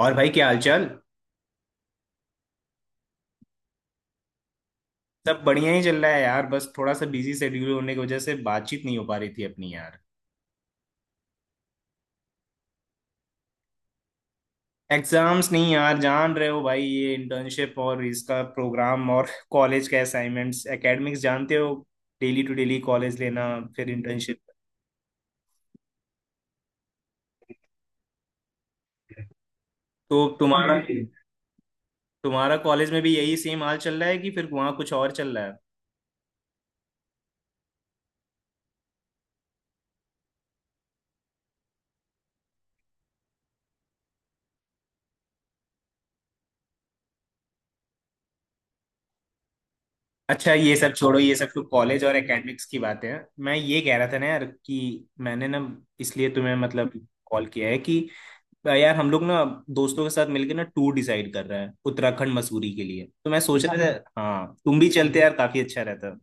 और भाई क्या हालचाल। सब बढ़िया ही चल रहा है यार, बस थोड़ा सा बिजी शेड्यूल होने की वजह से बातचीत नहीं हो पा रही थी अपनी यार। एग्जाम्स नहीं यार, जान रहे हो भाई, ये इंटर्नशिप और इसका प्रोग्राम और कॉलेज के असाइनमेंट्स, एकेडमिक्स जानते हो। डेली टू डेली कॉलेज लेना, फिर इंटर्नशिप। तो तुम्हारा तुम्हारा कॉलेज में भी यही सेम हाल चल रहा है कि फिर वहाँ कुछ और चल रहा है। अच्छा, ये सब छोड़ो, ये सब तो कॉलेज और एकेडमिक्स की बातें हैं। मैं ये कह रहा था ना यार कि मैंने ना, इसलिए तुम्हें मतलब कॉल किया है कि यार हम लोग ना दोस्तों के साथ मिलकर ना टूर डिसाइड कर रहे हैं उत्तराखंड मसूरी के लिए, तो मैं सोच रहा था हाँ तुम भी चलते यार, काफी अच्छा रहता।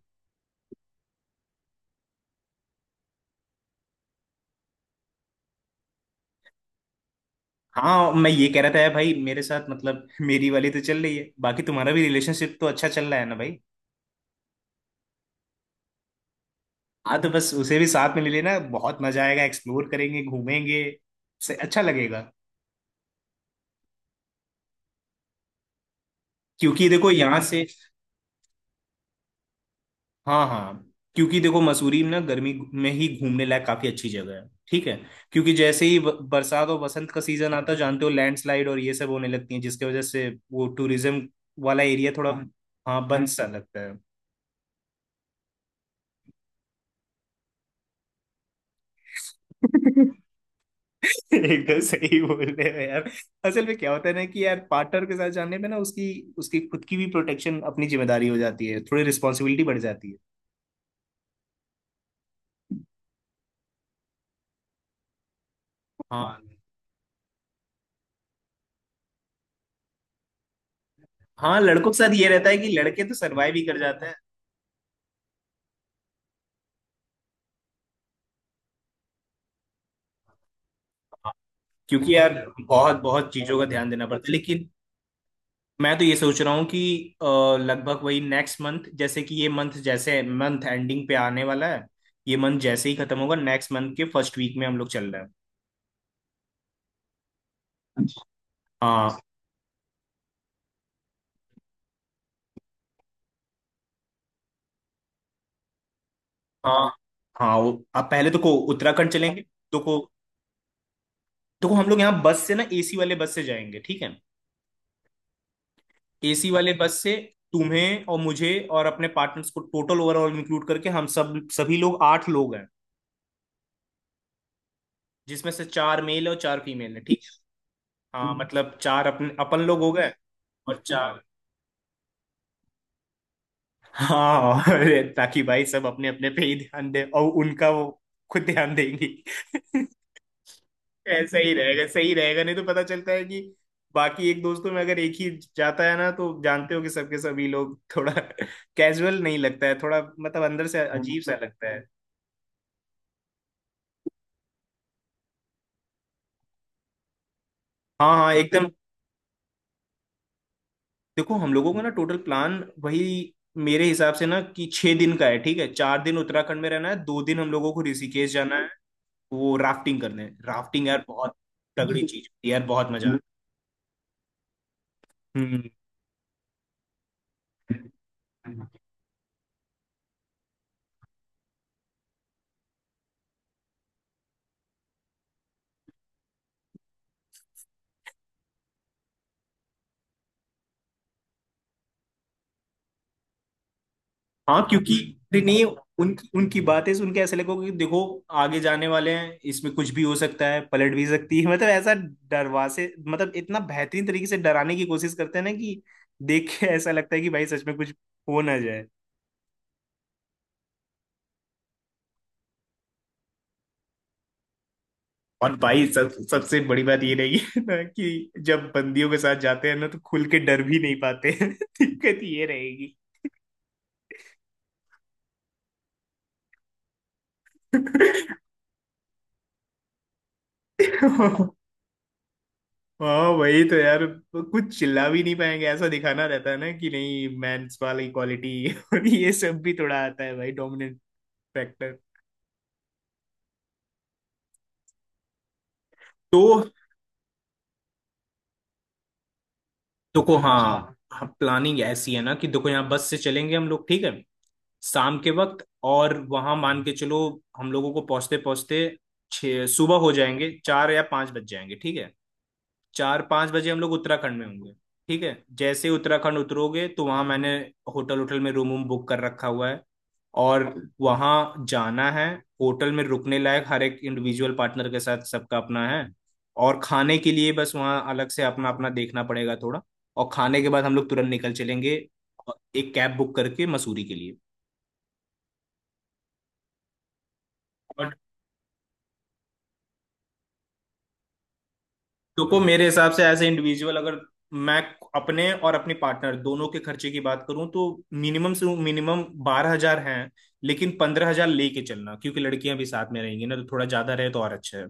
हाँ, मैं ये कह रहा था यार भाई, मेरे साथ मतलब मेरी वाली तो चल रही है, बाकी तुम्हारा भी रिलेशनशिप तो अच्छा चल रहा है ना भाई। हाँ तो बस उसे भी साथ में ले लेना, बहुत मजा आएगा, एक्सप्लोर करेंगे, घूमेंगे से अच्छा लगेगा। क्योंकि देखो यहाँ से। हाँ हाँ। क्योंकि देखो मसूरी ना गर्मी में ही घूमने लायक काफी अच्छी जगह है, ठीक है। क्योंकि जैसे ही बरसात और बसंत का सीजन आता है, जानते हो लैंडस्लाइड और ये सब होने लगती है, जिसकी वजह से वो टूरिज्म वाला एरिया थोड़ा हाँ बंद सा लगता है। एकदम सही बोल रहे हो यार। असल में क्या होता है ना कि यार पार्टनर के साथ जाने में ना उसकी उसकी खुद की भी प्रोटेक्शन, अपनी जिम्मेदारी हो जाती है, थोड़ी रिस्पॉन्सिबिलिटी बढ़ जाती है। हाँ हाँ, लड़कों के साथ ये रहता है कि लड़के तो सरवाइव ही कर जाते हैं। क्योंकि यार बहुत बहुत चीजों का ध्यान देना पड़ता है लेकिन मैं तो ये सोच रहा हूँ कि अ, लगभग वही नेक्स्ट मंथ, जैसे कि ये मंथ, जैसे मंथ एंडिंग पे आने वाला है, ये मंथ जैसे ही खत्म होगा नेक्स्ट मंथ के फर्स्ट वीक में हम लोग चल रहे हैं। हाँ हाँ। हाँ वो आप पहले तो को उत्तराखंड चलेंगे। तो को तो को हम लोग यहाँ बस से ना AC वाले बस से जाएंगे, ठीक है। एसी वाले बस से। तुम्हें और मुझे और अपने पार्टनर्स को टोटल, ओवरऑल इंक्लूड करके हम सब सभी लोग 8 लोग हैं, जिसमें से 4 मेल और 4 फीमेल है, ठीक। हाँ मतलब चार अपन अपन लोग हो गए और चार। हाँ अरे, ताकि भाई सब अपने अपने पे ही ध्यान दे और उनका वो खुद ध्यान देंगी। ऐसा ही रहेगा, सही रहेगा, नहीं तो पता चलता है कि बाकी एक दोस्तों में अगर एक ही जाता है ना तो जानते हो कि सबके सभी लोग थोड़ा कैजुअल नहीं लगता है, थोड़ा मतलब अंदर से अजीब सा लगता है। हाँ हाँ एकदम। देखो, हम लोगों का ना टोटल प्लान वही मेरे हिसाब से ना कि 6 दिन का है, ठीक है। 4 दिन उत्तराखंड में रहना है, 2 दिन हम लोगों को ऋषिकेश जाना है, वो राफ्टिंग करने। राफ्टिंग यार बहुत तगड़ी चीज होती है यार, बहुत मजा आता। हम्म। है। हाँ क्योंकि, अरे नहीं, उनकी उनकी बातें सुन के ऐसा लगेगा कि देखो आगे जाने वाले हैं, इसमें कुछ भी हो सकता है, पलट भी सकती है मतलब ऐसा डरवा से, मतलब इतना बेहतरीन तरीके से डराने की कोशिश करते हैं ना कि देख के ऐसा लगता है कि भाई सच में कुछ हो ना जाए। और भाई सब, सबसे बड़ी बात ये रही है ना कि जब बंदियों के साथ जाते हैं ना तो खुल के डर भी नहीं पाते हैं। दिक्कत ये रहेगी। हाँ वही तो यार, कुछ चिल्ला भी नहीं पाएंगे, ऐसा दिखाना रहता है ना कि नहीं, मेंस वाली क्वालिटी और ये सब भी थोड़ा आता है भाई, डोमिनेंट फैक्टर। तो देखो, हाँ, प्लानिंग ऐसी है ना कि देखो यहाँ बस से चलेंगे हम लोग, ठीक है। शाम के वक्त, और वहां मान के चलो हम लोगों को पहुंचते पहुंचते छः सुबह हो जाएंगे, चार या पांच बज जाएंगे, ठीक है। चार पाँच बजे हम लोग उत्तराखंड में होंगे। ठीक है, जैसे ही उत्तराखंड उतरोगे तो वहाँ मैंने होटल, होटल में रूम वूम बुक कर रखा हुआ है, और वहाँ जाना है। होटल में रुकने लायक हर एक इंडिविजुअल पार्टनर के साथ सबका अपना है, और खाने के लिए बस वहाँ अलग से अपना अपना देखना पड़ेगा थोड़ा। और खाने के बाद हम लोग तुरंत निकल चलेंगे, एक कैब बुक करके मसूरी के लिए। बट देखो, मेरे हिसाब से एज ए इंडिविजुअल, अगर मैं अपने और अपनी पार्टनर दोनों के खर्चे की बात करूं तो मिनिमम से मिनिमम 12,000 है, लेकिन 15,000 लेके चलना, क्योंकि लड़कियां भी साथ में रहेंगी ना, तो थोड़ा ज्यादा रहे तो और अच्छा है।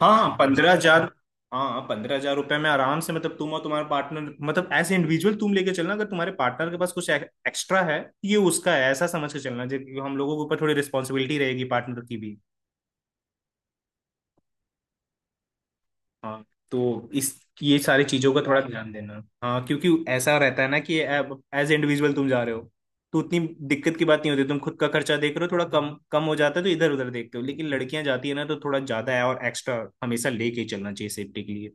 हाँ हाँ पंद्रह हजार। हाँ पंद्रह हजार रुपये में आराम से, मतलब तुम और तुम्हारे पार्टनर, मतलब एज ए इंडिविजुअल तुम लेके चलना, अगर तुम्हारे पार्टनर के पास कुछ एक्स्ट्रा है, ये उसका है, ऐसा समझ के चलना, जो हम लोगों के ऊपर थोड़ी रिस्पॉन्सिबिलिटी रहेगी पार्टनर की भी। हाँ तो इस, ये सारी चीजों का थोड़ा ध्यान देना, हाँ क्योंकि ऐसा रहता है ना कि एज इंडिविजुअल तुम जा रहे हो तो उतनी दिक्कत की बात नहीं होती, तुम खुद का खर्चा देख रहे हो, थोड़ा कम कम हो जाता है तो इधर उधर देखते हो, लेकिन लड़कियां जाती है ना तो थोड़ा ज्यादा है और एक्स्ट्रा हमेशा लेके ही चलना चाहिए, सेफ्टी के लिए।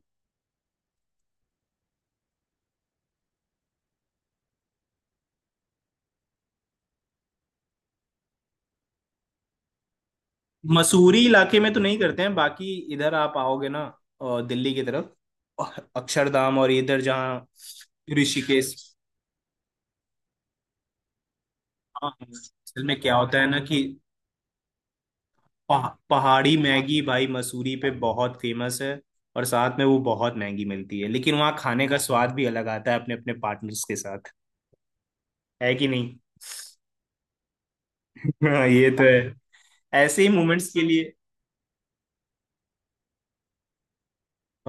मसूरी इलाके में तो नहीं करते हैं, बाकी इधर आप आओगे ना दिल्ली की तरफ, अक्षरधाम और इधर जहाँ ऋषिकेश। हाँ, असल में क्या होता है ना कि पहाड़ी मैगी भाई मसूरी पे बहुत फेमस है, और साथ में वो बहुत महंगी मिलती है, लेकिन वहाँ खाने का स्वाद भी अलग आता है अपने अपने पार्टनर्स के साथ, है कि नहीं। हाँ, ये तो है। ऐसे ही मोमेंट्स के लिए।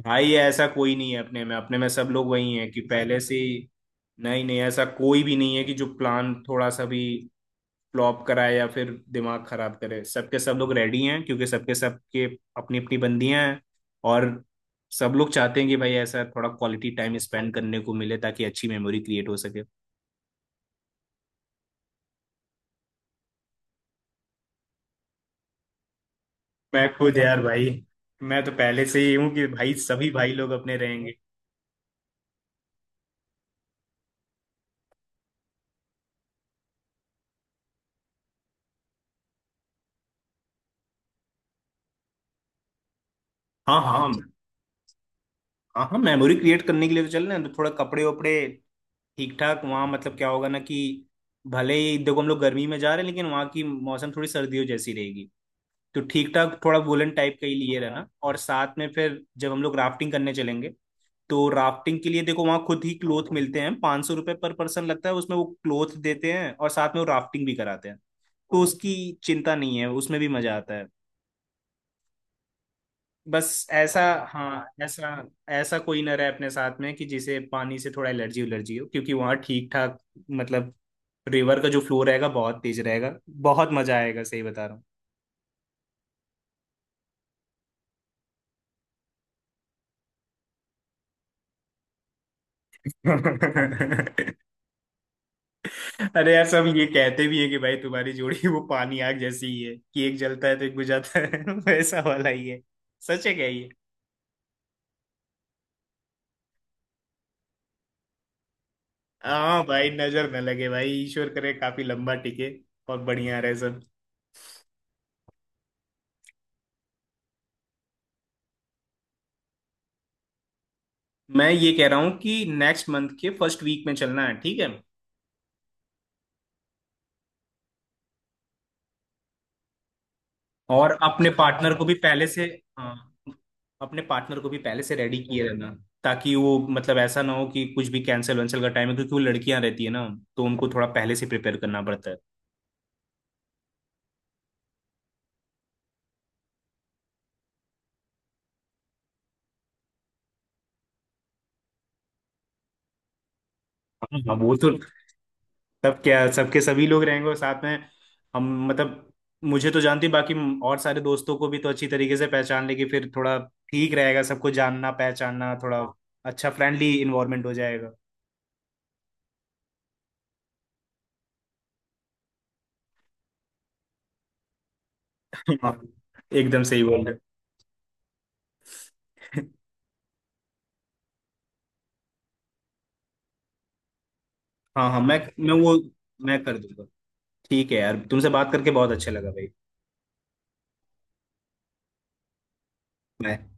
भाई ऐसा कोई नहीं है अपने में, अपने में सब लोग वही हैं कि पहले से ही। नहीं नहीं, ऐसा कोई भी नहीं है कि जो प्लान थोड़ा सा भी फ्लॉप कराए या फिर दिमाग खराब करे, सबके सब लोग रेडी हैं क्योंकि सबके सबके अपनी अपनी बंदियां हैं, और सब लोग चाहते हैं कि भाई ऐसा थोड़ा क्वालिटी टाइम स्पेंड करने को मिले, ताकि अच्छी मेमोरी क्रिएट हो सके। मैं खुद यार भाई, मैं तो पहले से ही हूँ कि भाई सभी भाई लोग अपने रहेंगे। हाँ हाँ। हाँ हाँ, मेमोरी क्रिएट करने के लिए तो चल रहे हैं, तो थोड़ा कपड़े वपड़े ठीक ठाक वहाँ, मतलब क्या होगा ना कि भले ही देखो हम लोग गर्मी में जा रहे हैं, लेकिन वहाँ की मौसम थोड़ी सर्दियों जैसी रहेगी, तो ठीक ठाक थोड़ा वुलन टाइप का ही लिए रहना, और साथ में फिर जब हम लोग राफ्टिंग करने चलेंगे तो राफ्टिंग के लिए देखो वहाँ खुद ही क्लोथ मिलते हैं, ₹500 पर पर्सन लगता है, उसमें वो क्लोथ देते हैं और साथ में वो राफ्टिंग भी कराते हैं, तो उसकी चिंता नहीं है, उसमें भी मजा आता है। बस ऐसा, हाँ ऐसा ऐसा कोई ना रहे अपने साथ में कि जिसे पानी से थोड़ा एलर्जी उलर्जी हो, क्योंकि वहाँ ठीक ठाक मतलब रिवर का जो फ्लो रहेगा बहुत तेज रहेगा, बहुत मजा आएगा, सही बता रहा हूँ। अरे यार, सब ये कहते भी है कि भाई तुम्हारी जोड़ी वो पानी आग जैसी ही है कि एक जलता है तो एक बुझाता है वैसा वाला ही है। सच है क्या ये? हाँ भाई, नजर न लगे भाई, ईश्वर करे काफी लंबा टिके और बढ़िया रहे सब। मैं ये कह रहा हूँ कि नेक्स्ट मंथ के फर्स्ट वीक में चलना है, ठीक है। और अपने पार्टनर को भी पहले से हाँ, अपने पार्टनर को भी पहले से रेडी किए रहना, ताकि वो मतलब ऐसा ना हो कि कुछ भी कैंसिल वैंसिल का टाइम है, क्योंकि वो लड़कियां रहती है ना, तो उनको थोड़ा पहले से प्रिपेयर करना पड़ता है। हाँ हाँ, वो तो सब, क्या सबके सभी लोग रहेंगे, और साथ में हम मतलब मुझे तो जानती, बाकी और सारे दोस्तों को भी तो अच्छी तरीके से पहचान लेके फिर थोड़ा ठीक रहेगा, सबको जानना पहचानना थोड़ा, अच्छा फ्रेंडली इन्वायरमेंट हो जाएगा। हाँ एकदम सही बोल रहे हो। हाँ हाँ मैं वो मैं कर दूंगा। ठीक है यार, तुमसे बात करके बहुत अच्छा लगा भाई। बाय।